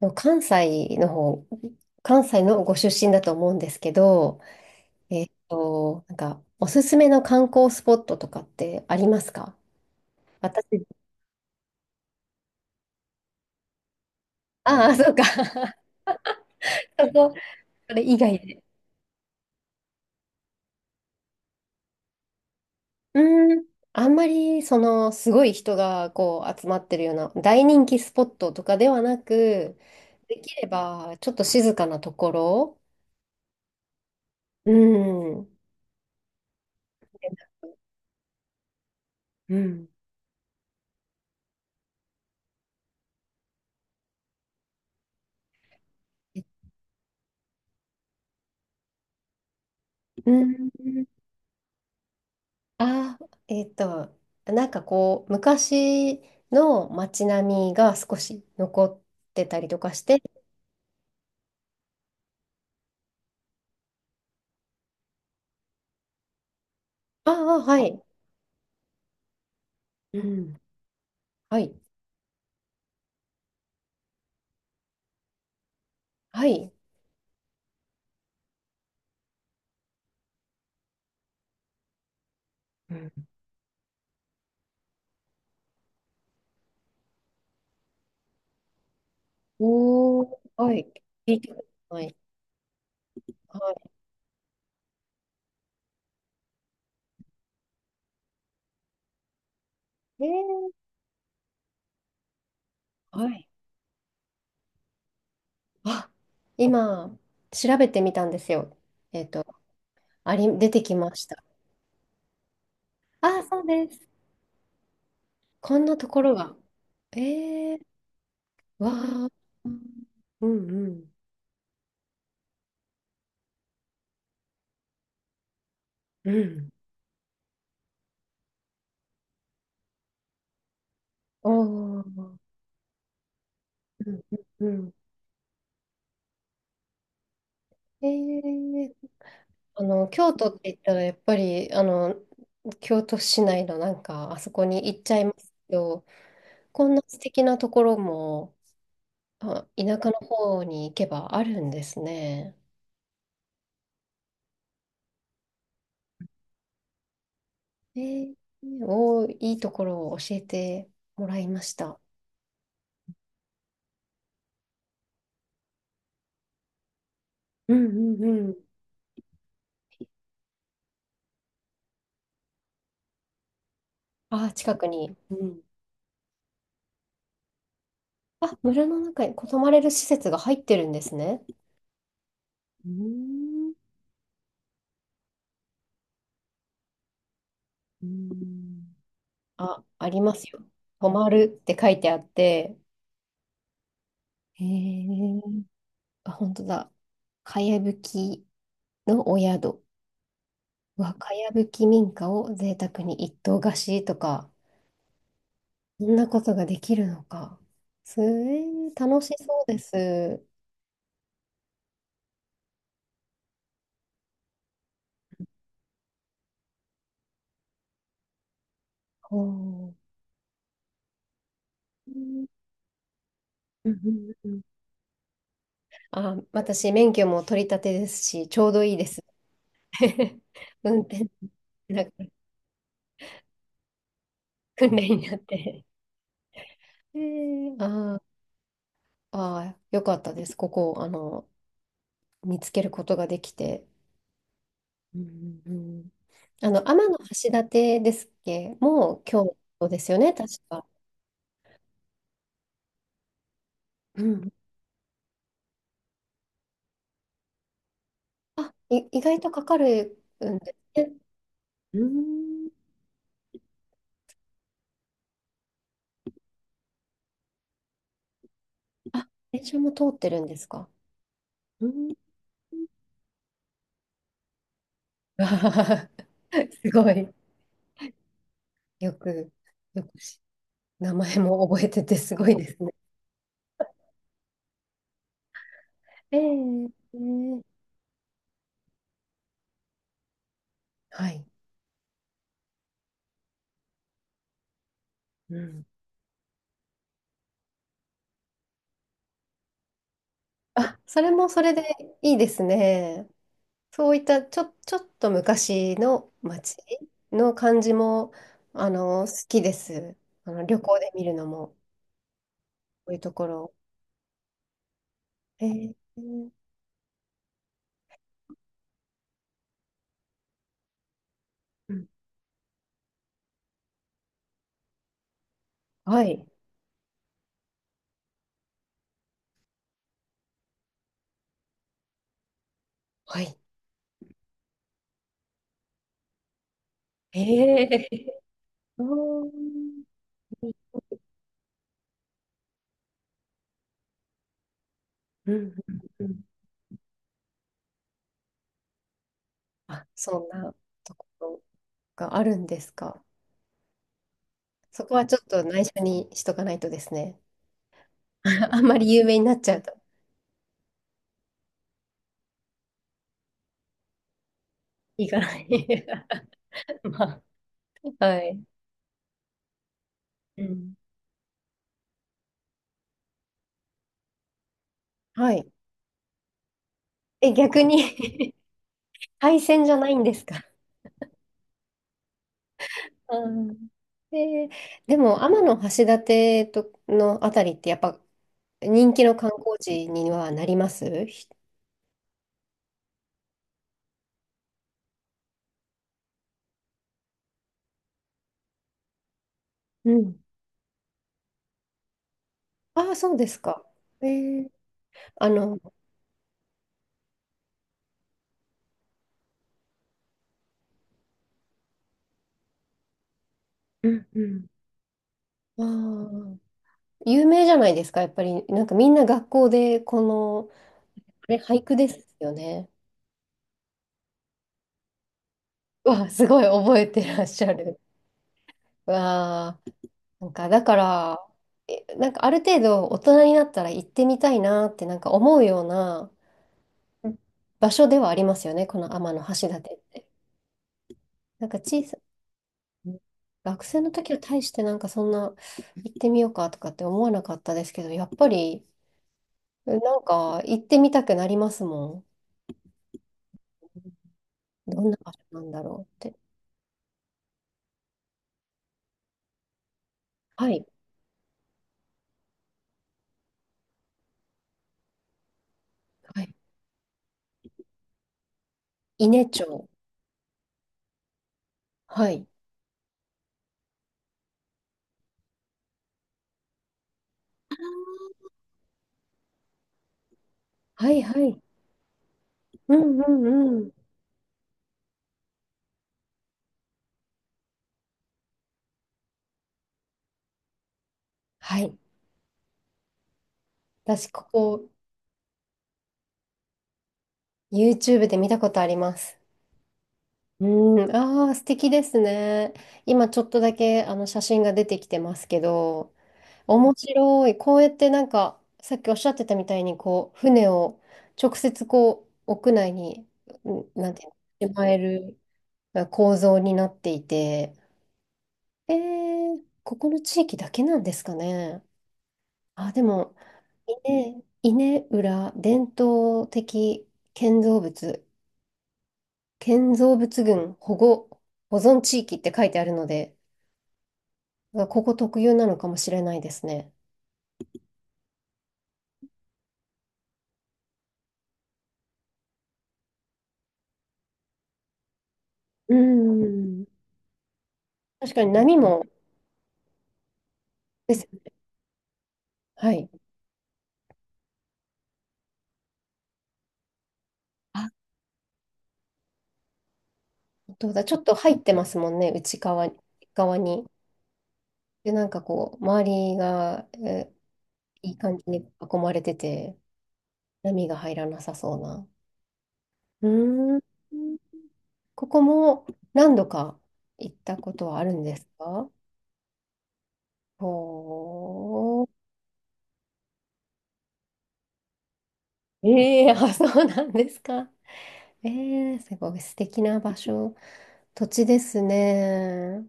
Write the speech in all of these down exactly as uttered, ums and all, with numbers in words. でも関西の方、関西のご出身だと思うんですけど、えっと、なんか、おすすめの観光スポットとかってありますか？私、ああ、そうか。そこ、それ以外で。うーん、あんまり、その、すごい人が、こう、集まってるような、大人気スポットとかではなく、できれば、ちょっと静かなところ。うん。うん。うん。あー、えっと、なんかこう、昔の街並みが少し残ってたりとかして、ああ、はい、うん。はい、はい、うん。おー、はい、聞いてください。はい、えー、はい。あ、今、調べてみたんですよ。えっと、あり、出てきました。ああ、そうです。こんなところが。えー、わあ、うんうん。うん。おー、うんうん。えー、あの、京都って言ったら、やっぱり、あの、京都市内のなんか、あそこに行っちゃいますけど、こんな素敵なところも、あ、田舎の方に行けばあるんですね。えー、おー、いいところを教えてもらいました。うんうんうん。あー、近くに。うん。あ、村の中に泊まれる施設が入ってるんですね。うーん。うん。あ、ありますよ。泊まるって書いてあって、へえ。あ、本当だ。かやぶきのお宿。うわ、かやぶき民家を贅沢に一棟貸しとか、そんなことができるのか。すえー、楽しそうです。おー。うんうんうん。うん。あ、私、免許も取り立てですし、ちょうどいいです。運転、なんか訓練になって。えー、あーあー、よかったです。ここ、あの、見つけることができて。うんうんうん。あの、天橋立ですっけ？もう京都ですよね、確か。うん。あ、い、意外とかかるんですね。うーん。あ、電車も通ってるんですか？うん。わあ、すごい。よく、よくし名前も覚えててすごいですね。ええ。ええ。はい。うん。あ、それもそれでいいですね。そういったちょ、ちょっと昔の街の感じも、あの、好きです。あの、旅行で見るのも、こういうところ。えー。うん。はい。はい。えー、うん、うん、うん。あ、そんなところがあるんですか？そこはちょっと内緒にしとかないとですね。あんまり有名になっちゃうといかない。まあ、はい。うん。はい。え、逆に海鮮じゃないんですか？うん。で、でも天橋立とのあたりってやっぱ人気の観光地にはなりますひ。うん。ああ、そうですか。えー、あの、うんうん。ああ、有名じゃないですか、やっぱり。なんかみんな学校でこの、あれ、俳句ですよね。わあ、すごい覚えてらっしゃる。わあ、なんかだから、えなんかある程度大人になったら行ってみたいなってなんか思うような場所ではありますよね、この天橋立って。なんか小さ、学生の時は大してなんかそんな行ってみようかとかって思わなかったですけど、やっぱりなんか行ってみたくなりますもん。どんな場所なんだろうって。はい。はい。伊根町。はい。はいはい。うんうんうん。はい。私、ここ、ユーチューブ で見たことあります。うん。ああ、素敵ですね。今ちょっとだけあの写真が出てきてますけど、面白い。こうやってなんか、さっきおっしゃってたみたいに、こう、船を直接こう、屋内に、うんなんていうの、しまえるまあ構造になっていて、えー、ここの地域だけなんですかね。あ、でも、稲、稲浦伝統的建造物、建造物群保護、保存地域って書いてあるので、まあここ特有なのかもしれないですね。うん。確かに波もです。はい。本当だ、ちょっと入ってますもんね、内側、側に。で、なんかこう、周りが、えいい感じに囲まれてて、波が入らなさそうな。うーん。ここも何度か行ったことはあるんですか？ほー。ええ。あ、そうなんですか。ええ、すごい素敵な場所、土地ですね。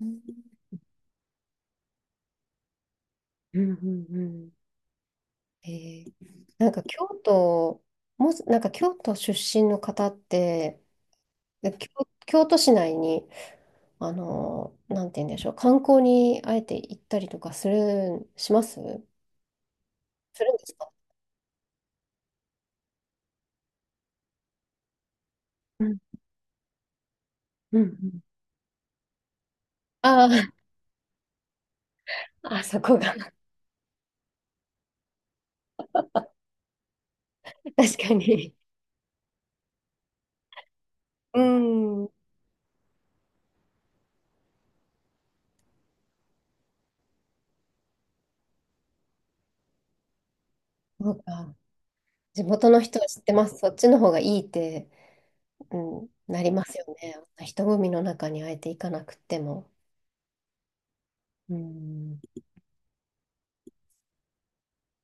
うんうんうん。うん。えー。なんか京都、もし、なんか京都出身の方って、で京、京都市内に、あのなんて言うんでしょう、観光にあえて行ったりとかする、しますするんですか？うんうんうん。ああ、あそこが。確かに。うん。そうか。地元の人は知ってます。そっちの方がいいって、うん、なりますよね。人混みの中にあえて行かなくっても。うん。